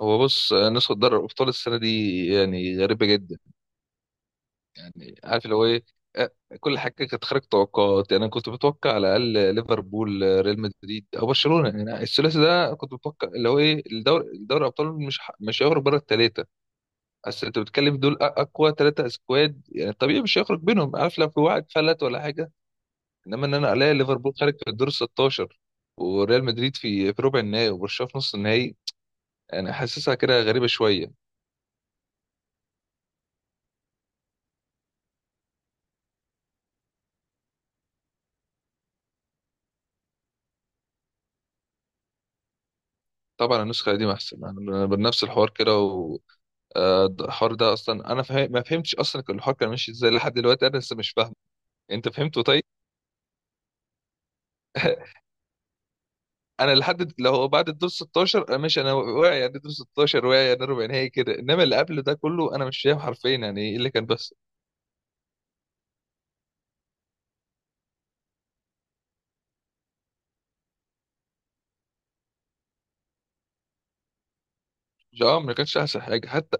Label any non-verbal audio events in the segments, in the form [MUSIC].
هو بص نسخة دوري الأبطال السنة دي يعني غريبة جدا. يعني عارف اللي هو إيه. آه، كل حاجة كانت خارج توقعات، يعني أنا كنت متوقع على الأقل ليفربول، ريال مدريد أو برشلونة. يعني الثلاثي ده كنت متوقع اللي هو إيه الدوري دوري الأبطال مش هيخرج بره التلاتة. بس أنت بتتكلم دول أقوى تلاتة سكواد، يعني طبيعي مش هيخرج بينهم، عارف، لو في واحد فلت ولا حاجة. إنما إن أنا ألاقي ليفربول خارج في الدور 16، وريال مدريد في ربع النهائي، وبرشلونة في نص النهائي. يعني حاسسها كده غريبة شوية. طبعا النسخة القديمة أحسن، يعني بنفس الحوار كده، و الحوار ده أصلا أنا ما فهمتش أصلا كان الحوار كان ماشي إزاي. لحد دلوقتي أنا لسه مش فاهم. أنت فهمته طيب؟ [LAUGHS] أنا لو بعد الدور 16 أنا ماشي، أنا واعي، يعني الدور 16 واعي، يعني ربع نهائي كده. إنما اللي قبله ده كله أنا مش فاهم حرفيا يعني إيه اللي كان بس. اه ما كانش أحسن حاجة حتى.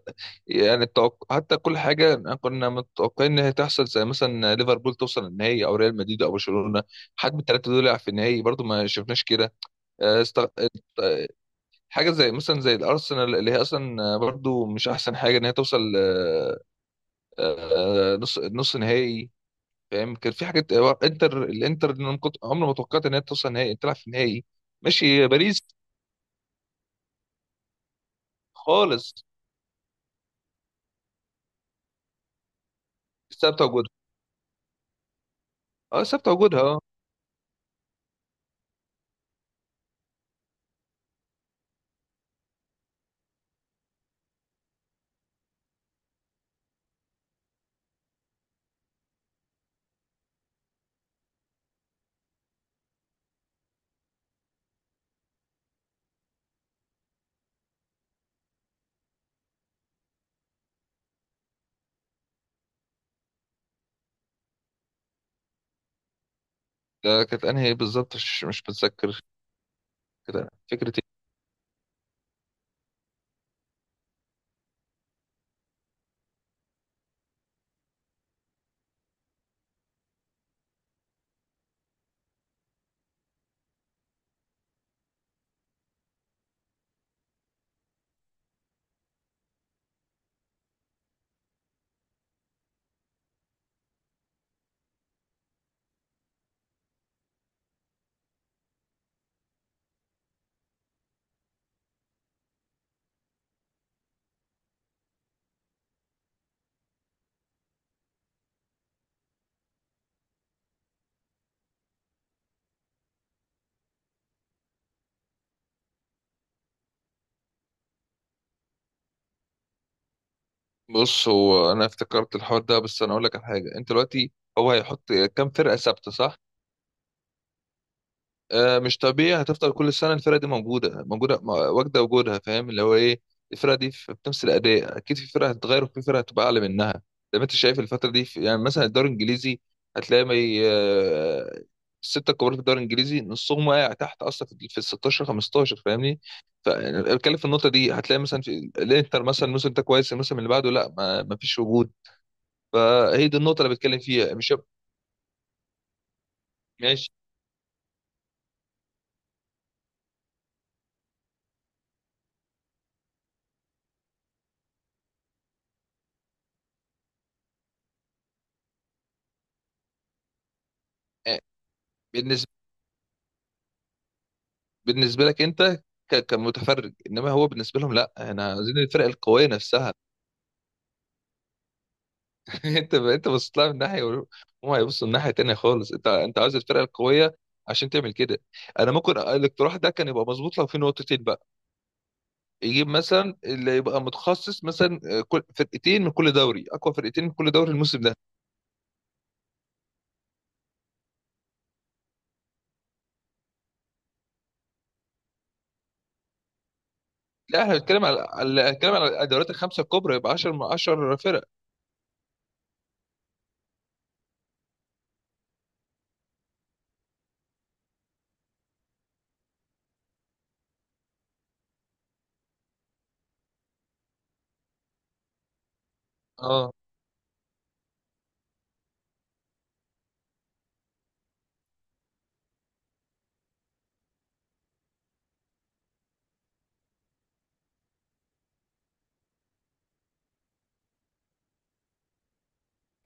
يعني حتى كل حاجة كنا متوقعين إن هي تحصل، زي مثلا ليفربول توصل النهائي أو ريال مدريد أو برشلونة، حد من الثلاثة دول يلعب في النهائي، برضه ما شفناش كده. آه، است... حاجه زي مثلا زي الارسنال، اللي هي اصلا برضو مش احسن حاجه ان هي توصل، نص نهائي، فاهم. كان في حاجات، الانتر، إن أنا كنت عمري ما توقعت ان هي توصل نهائي، تلعب في النهائي. ماشي، باريس. خالص. ثابته وجودها. اه ثابته وجودها اه. ده كانت انهي بالظبط؟ مش متذكر. كده فكرتي. بص هو انا افتكرت الحوار ده، بس انا اقول لك على حاجه. انت دلوقتي هو هيحط كام فرقه ثابته، صح؟ مش طبيعي هتفضل كل سنه الفرقه دي موجوده موجوده، واجده وجودها، فاهم اللي هو ايه. الفرقه دي في بنفس الاداء، اكيد في فرقه هتتغير وفي فرقه هتبقى اعلى منها. زي ما انت شايف الفتره دي، في يعني مثلا الدوري الانجليزي هتلاقي ما ي- آه، السته الكبار في الدوري الانجليزي نصهم واقع تحت اصلا، في ال 16 15، فاهمني؟ فبتكلم في النقطه دي. هتلاقي مثلا في الانتر، مثلا الموسم ده كويس، الموسم اللي بعده لا، ما فيش وجود. فهي دي النقطه اللي بتكلم فيها، مش ماشي. بالنسبه لك انت كمتفرج، انما هو بالنسبه لهم لا، احنا عايزين الفرق القويه نفسها. [LAUGHS] انت بصيت لها من ناحيه، وهم هيبصوا من ناحيه تانية خالص. انت عايز الفرق القويه عشان تعمل كده. انا ممكن الاقتراح ده كان يبقى مظبوط لو في نقطتين بقى. يجيب مثلا اللي يبقى متخصص، مثلا كل فرقتين من كل دوري، اقوى فرقتين من كل دوري الموسم ده. لا احنا بنتكلم بنتكلم على الدوريات الخمسه الكبرى، يبقى 10 من 10 فرق. اه.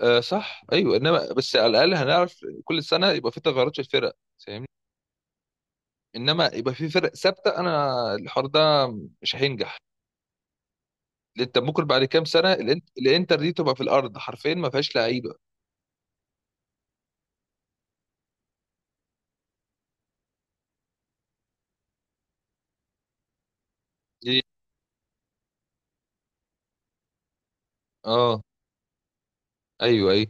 صح ايوه، انما بس على الاقل هنعرف كل سنه يبقى في تغيرات في الفرق، فاهمني؟ انما يبقى في فرق ثابته، انا الحوار ده مش هينجح، لأن انت ممكن بعد كام سنه الانتر دي تبقى في الارض حرفيا، ما فيهاش لعيبه. دي- اه ايوه ايوه.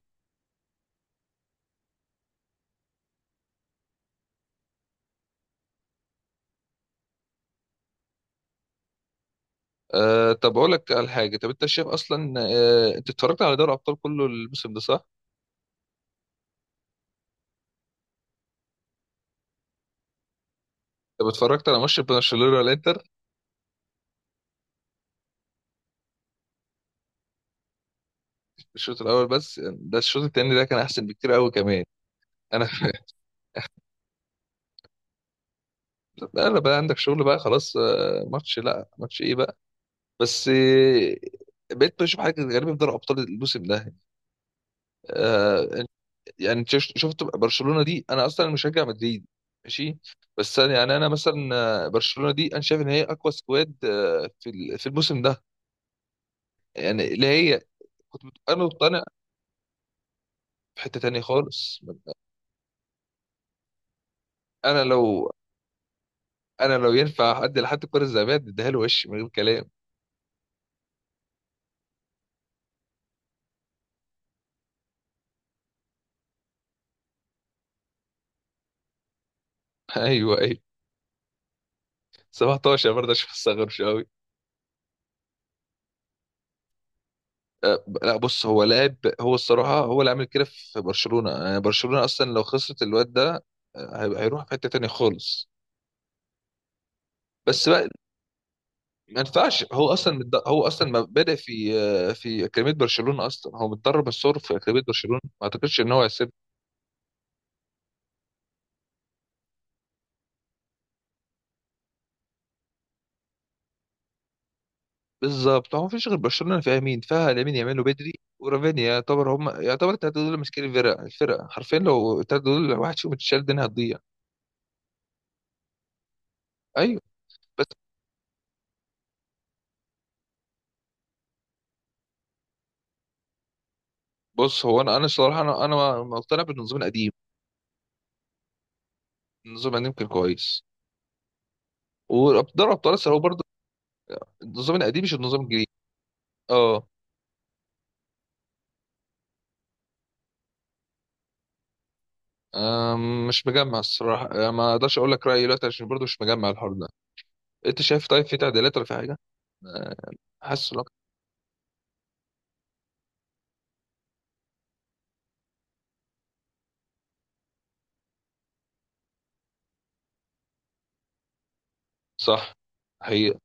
آه طب اقول لك على حاجه. طب انت شايف اصلا، آه، انت اتفرجت على دوري ابطال كله الموسم ده، صح؟ طب اتفرجت على ماتش برشلونه الانتر؟ الشوط الاول بس ده، الشوط التاني ده كان احسن بكتير قوي كمان. انا [LAUGHS] لا لا بقى عندك شغل بقى، خلاص، ماتش لا ماتش ايه بقى. بس بقيت بشوف حاجه غريبه في دوري ابطال الموسم ده. آه، يعني انت شفت برشلونه دي. انا اصلا مشجع مدريد، ماشي، بس أنا يعني انا مثلا برشلونه دي انا شايف ان هي اقوى سكواد في في الموسم ده. يعني اللي هي انا مقتنع في حته تانية خالص. انا لو انا لو ينفع ادي لحد الكره الذهبيه اديها له وش من غير كلام. [LAUGHS] ايوه ايوه. 17 برضه عشان ما استغربش قوي. لا بص، هو لاعب، هو الصراحه هو اللي عامل كده في برشلونه. يعني برشلونه اصلا لو خسرت الواد ده، هيروح في حته تانية خالص. بس بقى ما ينفعش، هو اصلا هو اصلا ما بادئ في في اكاديميه برشلونه اصلا، هو متدرب الصور في اكاديميه برشلونه. ما اعتقدش ان هو هيسيب. بالظبط، هو ما فيش غير برشلونه. فيها مين؟ فيها لامين يامال وبدري ورافينيا. يعتبر، هم يعتبر التلاته دول ماسكين الفرقه. الفرقه حرفيا لو التلاته دول واحد فيهم اتشال الدنيا هتضيع. ايوه بس. بص هو انا الصراحه انا مقتنع بالنظام القديم. النظام القديم كان كويس، ودوري ابطال اسيا هو برضه النظام القديم مش النظام الجديد. اه. آم، مش مجمع الصراحه، ما اقدرش اقول لك رايي دلوقتي عشان برضه مش مجمع الحوار ده. انت شايف طيب، في تعديلات ولا في حاجه؟ آه، حاسس إن هو صح، حقيقة.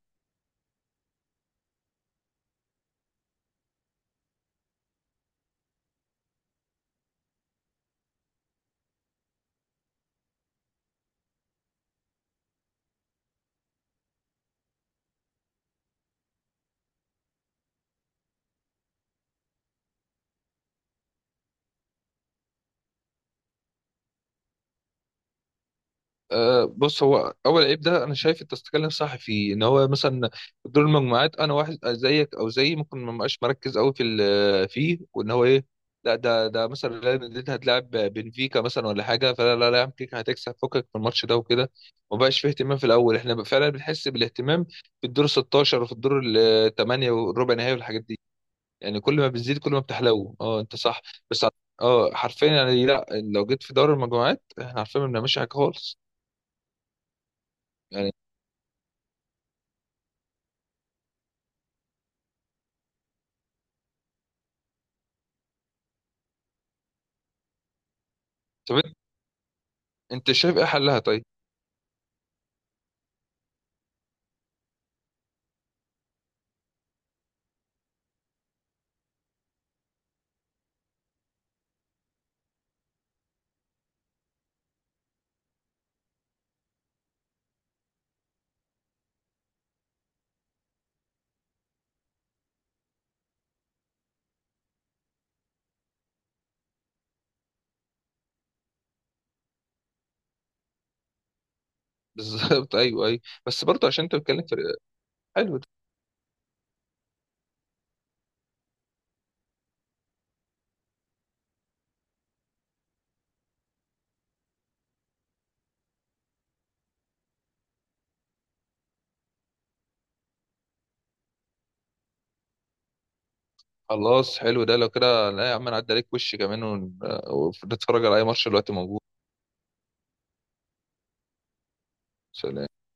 أه بص، هو اول عيب ده انا شايف انت بتتكلم صح فيه، ان هو مثلا دور المجموعات انا واحد زيك او زيي ممكن ما بقاش مركز قوي في فيه، وان هو ايه، لا ده مثلا ريال مدريد هتلاعب بنفيكا مثلا ولا حاجه، فلا لا لا يا عم، كيكا هتكسب فكك من الماتش ده وكده. ما بقاش فيه اهتمام في الاول. احنا بقى فعلا بنحس بالاهتمام في الدور 16 وفي الدور الثمانيه والربع نهائي والحاجات دي. يعني كل ما بتزيد كل ما بتحلو. اه انت صح. بس اه حرفيا، يعني لا، لو جيت في دوري المجموعات احنا عارفين ما بنعملش حاجه خالص. يعني. طب انت، أنت شايف ايه حلها طيب؟ [LAUGHS] بالظبط ايوه ايوه. بس برضه عشان انت بتتكلم في، حلو ده. خلاص حلو ده لو كده. لا يا عم، نعدي عليك وش كمان ونتفرج على اي ماتش دلوقتي موجود. سلام.